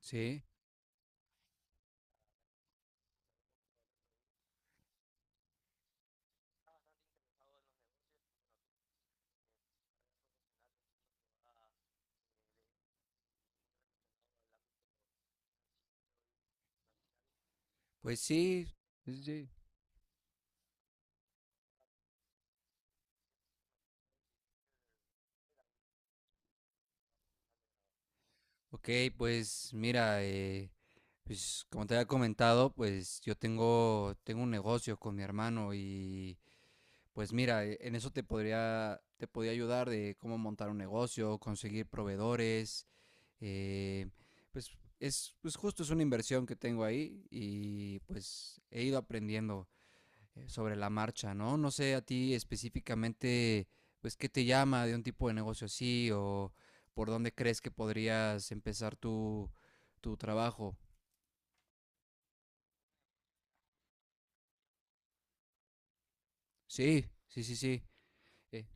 Sí, pues sí, sí, sí. Ok, pues mira, pues como te había comentado, pues tengo un negocio con mi hermano y pues mira, en eso te podría ayudar de cómo montar un negocio, conseguir proveedores, eh, pues pues justo es una inversión que tengo ahí y pues he ido aprendiendo sobre la marcha, ¿no? No sé a ti específicamente, pues ¿qué te llama de un tipo de negocio así o por dónde crees que podrías empezar tu trabajo? Sí, sí, sí, sí. eh,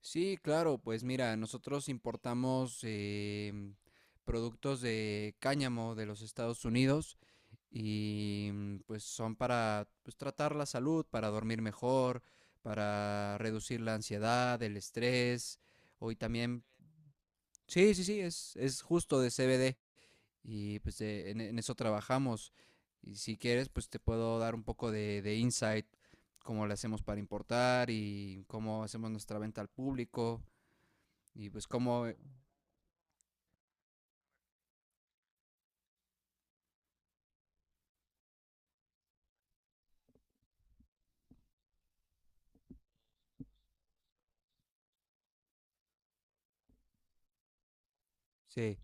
sí, claro, pues mira, nosotros importamos productos de cáñamo de los Estados Unidos y mm, pues son para, pues, tratar la salud, para dormir mejor, para reducir la ansiedad, el estrés, hoy también. Sí, sí, sí, es justo de CBD y pues en eso trabajamos. Y si quieres, pues te puedo dar un poco de insight, cómo le hacemos para importar y cómo hacemos nuestra venta al público y pues cómo... Sí,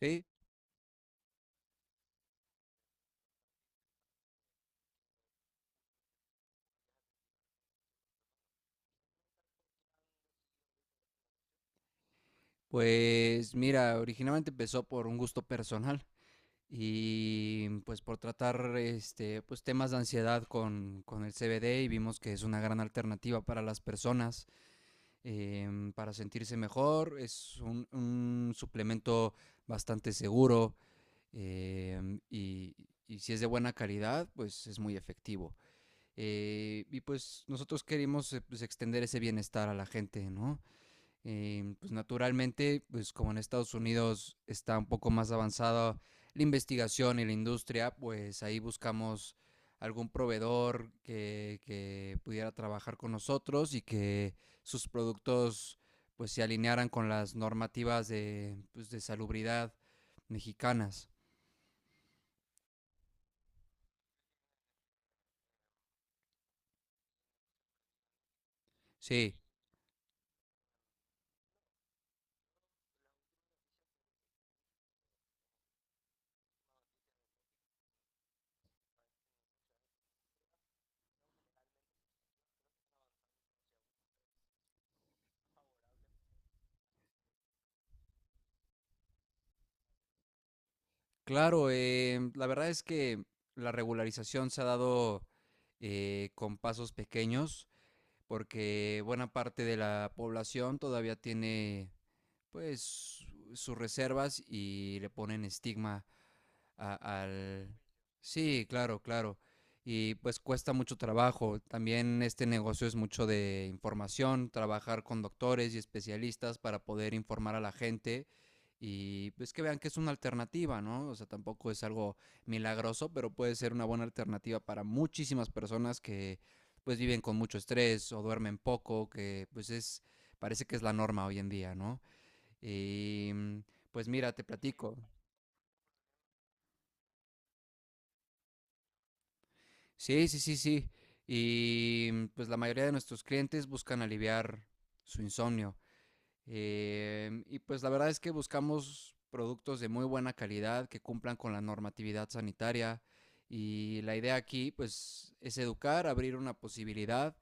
sí. Pues mira, originalmente empezó por un gusto personal y pues por tratar este, pues, temas de ansiedad con el CBD y vimos que es una gran alternativa para las personas, para sentirse mejor. Es un suplemento bastante seguro, em, y, y si es de buena calidad, pues es muy efectivo. Y pues nosotros queremos, pues, extender ese bienestar a la gente, ¿no? Pues naturalmente, pues como en Estados Unidos está un poco más avanzada la investigación y la industria, pues ahí buscamos algún proveedor que pudiera trabajar con nosotros y que sus productos pues se alinearan con las normativas de, pues, de salubridad mexicanas. Sí, claro, la verdad es que la regularización se ha dado con pasos pequeños, porque buena parte de la población todavía tiene, pues, sus reservas y le ponen estigma al... Sí, claro, claro. Y pues cuesta mucho trabajo. También este negocio es mucho de información, trabajar con doctores y especialistas para poder informar a la gente y pues que vean que es una alternativa, ¿no? O sea, tampoco es algo milagroso, pero puede ser una buena alternativa para muchísimas personas que pues viven con mucho estrés o duermen poco, que pues es, parece que es la norma hoy en día, ¿no? Y mm, pues mira, te platico. Sí, sí, sí, sí. Y mm, pues la mayoría de nuestros clientes buscan aliviar su insomnio. Y pues la verdad es que buscamos productos de muy buena calidad que cumplan con la normatividad sanitaria. Y la idea aquí pues es educar, abrir una posibilidad,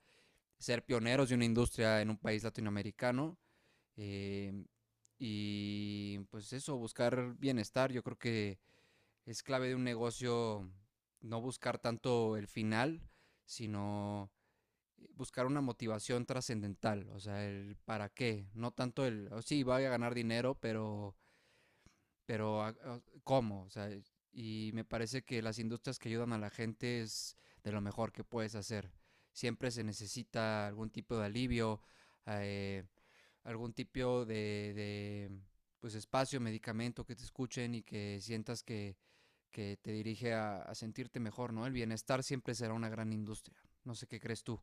ser pioneros de una industria en un país latinoamericano. em, y pues eso, buscar bienestar. Yo creo que es clave de un negocio no buscar tanto el final, sino buscar una motivación trascendental, o sea, el para qué, no tanto el, oh, sí, voy a ganar dinero, pero, pero ¿cómo? O sea, y me parece que las industrias que ayudan a la gente es de lo mejor que puedes hacer. Siempre se necesita algún tipo de alivio, eh, algún tipo de, pues, espacio, medicamento, que te escuchen y que sientas que te dirige a sentirte mejor, ¿no? El bienestar siempre será una gran industria. No sé qué crees tú.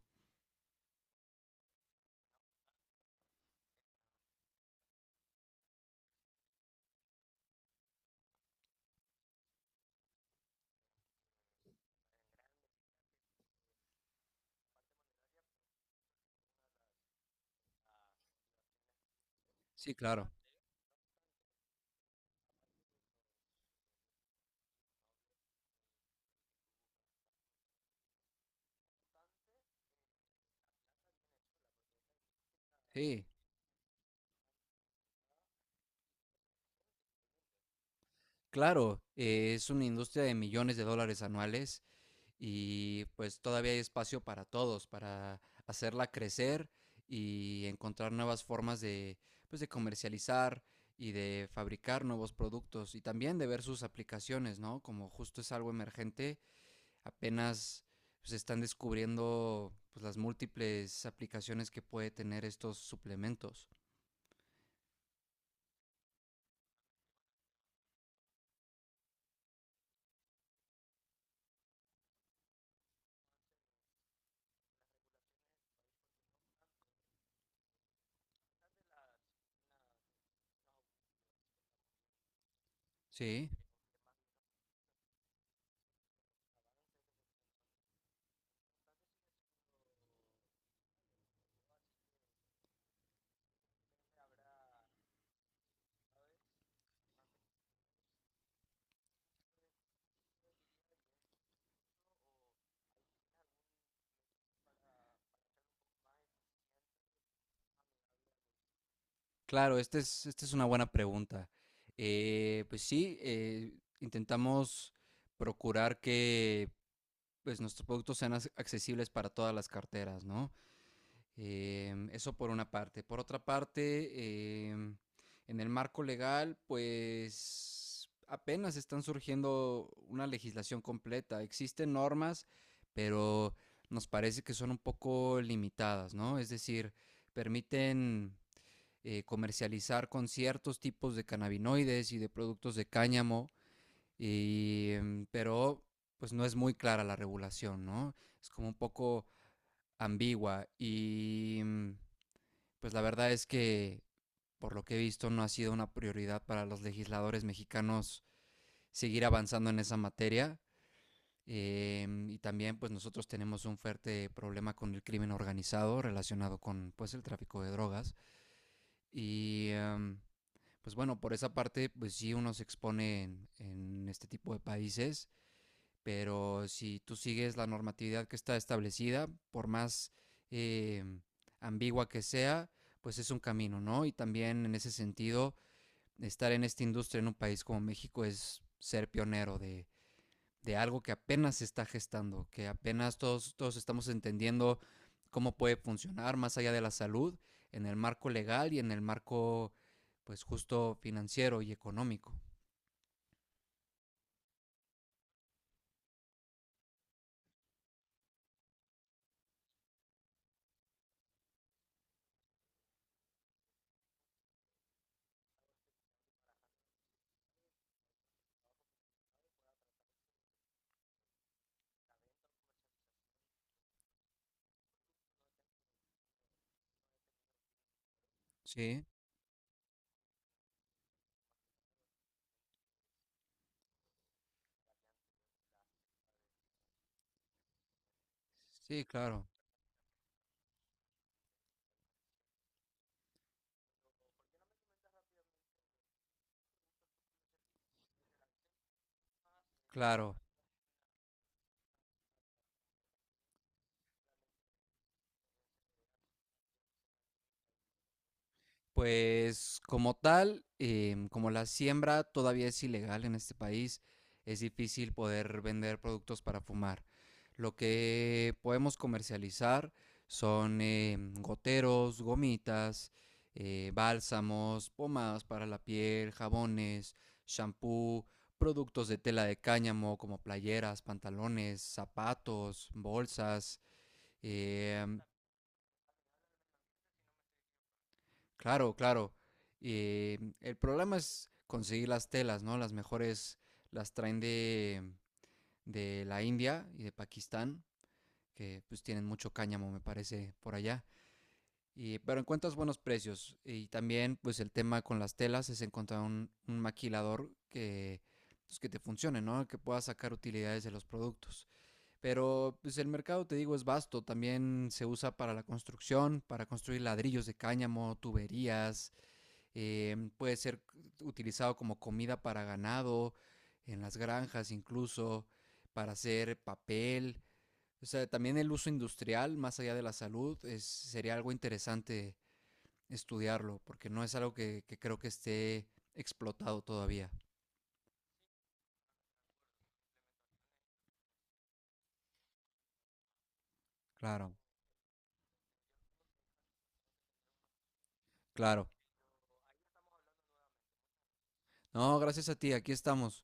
Sí, claro. Sí, claro. Es una industria de millones de dólares anuales y pues todavía hay espacio para todos, para hacerla crecer y encontrar nuevas formas de, pues, de comercializar y de fabricar nuevos productos y también de ver sus aplicaciones, ¿no? Como justo es algo emergente, apenas se están descubriendo, pues, las múltiples aplicaciones que puede tener estos suplementos. Sí, claro, esta es una buena pregunta. Pues sí, intentamos procurar que, pues, nuestros productos sean accesibles para todas las carteras, ¿no? Eso por una parte. Por otra parte, en el marco legal, pues apenas están surgiendo una legislación completa. Existen normas, pero nos parece que son un poco limitadas, ¿no? Es decir, permiten comercializar con ciertos tipos de cannabinoides y de productos de cáñamo, y, pero pues no es muy clara la regulación, ¿no? Es como un poco ambigua y mm, pues la verdad es que, por lo que he visto, no ha sido una prioridad para los legisladores mexicanos seguir avanzando en esa materia. Y también pues nosotros tenemos un fuerte problema con el crimen organizado relacionado con, pues, el tráfico de drogas y pues bueno, por esa parte pues sí uno se expone en este tipo de países, pero si tú sigues la normatividad que está establecida, por más eh, ambigua que sea, pues es un camino, ¿no? Y también en ese sentido, estar en esta industria en un país como México es ser pionero de algo que apenas se está gestando, que apenas todos estamos entendiendo cómo puede funcionar más allá de la salud, en el marco legal y en el marco, pues, justo financiero y económico. Sí, sí, claro, claro. Pues como tal, como la siembra todavía es ilegal en este país, es difícil poder vender productos para fumar. Lo que podemos comercializar son, goteros, gomitas, bálsamos, pomadas para la piel, jabones, shampoo, productos de tela de cáñamo como playeras, pantalones, zapatos, bolsas, em, Claro, claro. El problema es conseguir las telas, ¿no? Las mejores las traen de la India y de Pakistán, que pues tienen mucho cáñamo, me parece, por allá. Y, pero encuentras buenos precios. Y también, pues el tema con las telas es encontrar un maquilador pues, que te funcione, ¿no? Que pueda sacar utilidades de los productos. Pero pues el mercado, te digo, es vasto. También se usa para la construcción, para construir ladrillos de cáñamo, tuberías, puede ser utilizado como comida para ganado, en las granjas incluso, para hacer papel. O sea, también el uso industrial, más allá de la salud, es, sería algo interesante estudiarlo, porque no es algo que creo que esté explotado todavía. Claro, claro. No, gracias a ti, aquí estamos.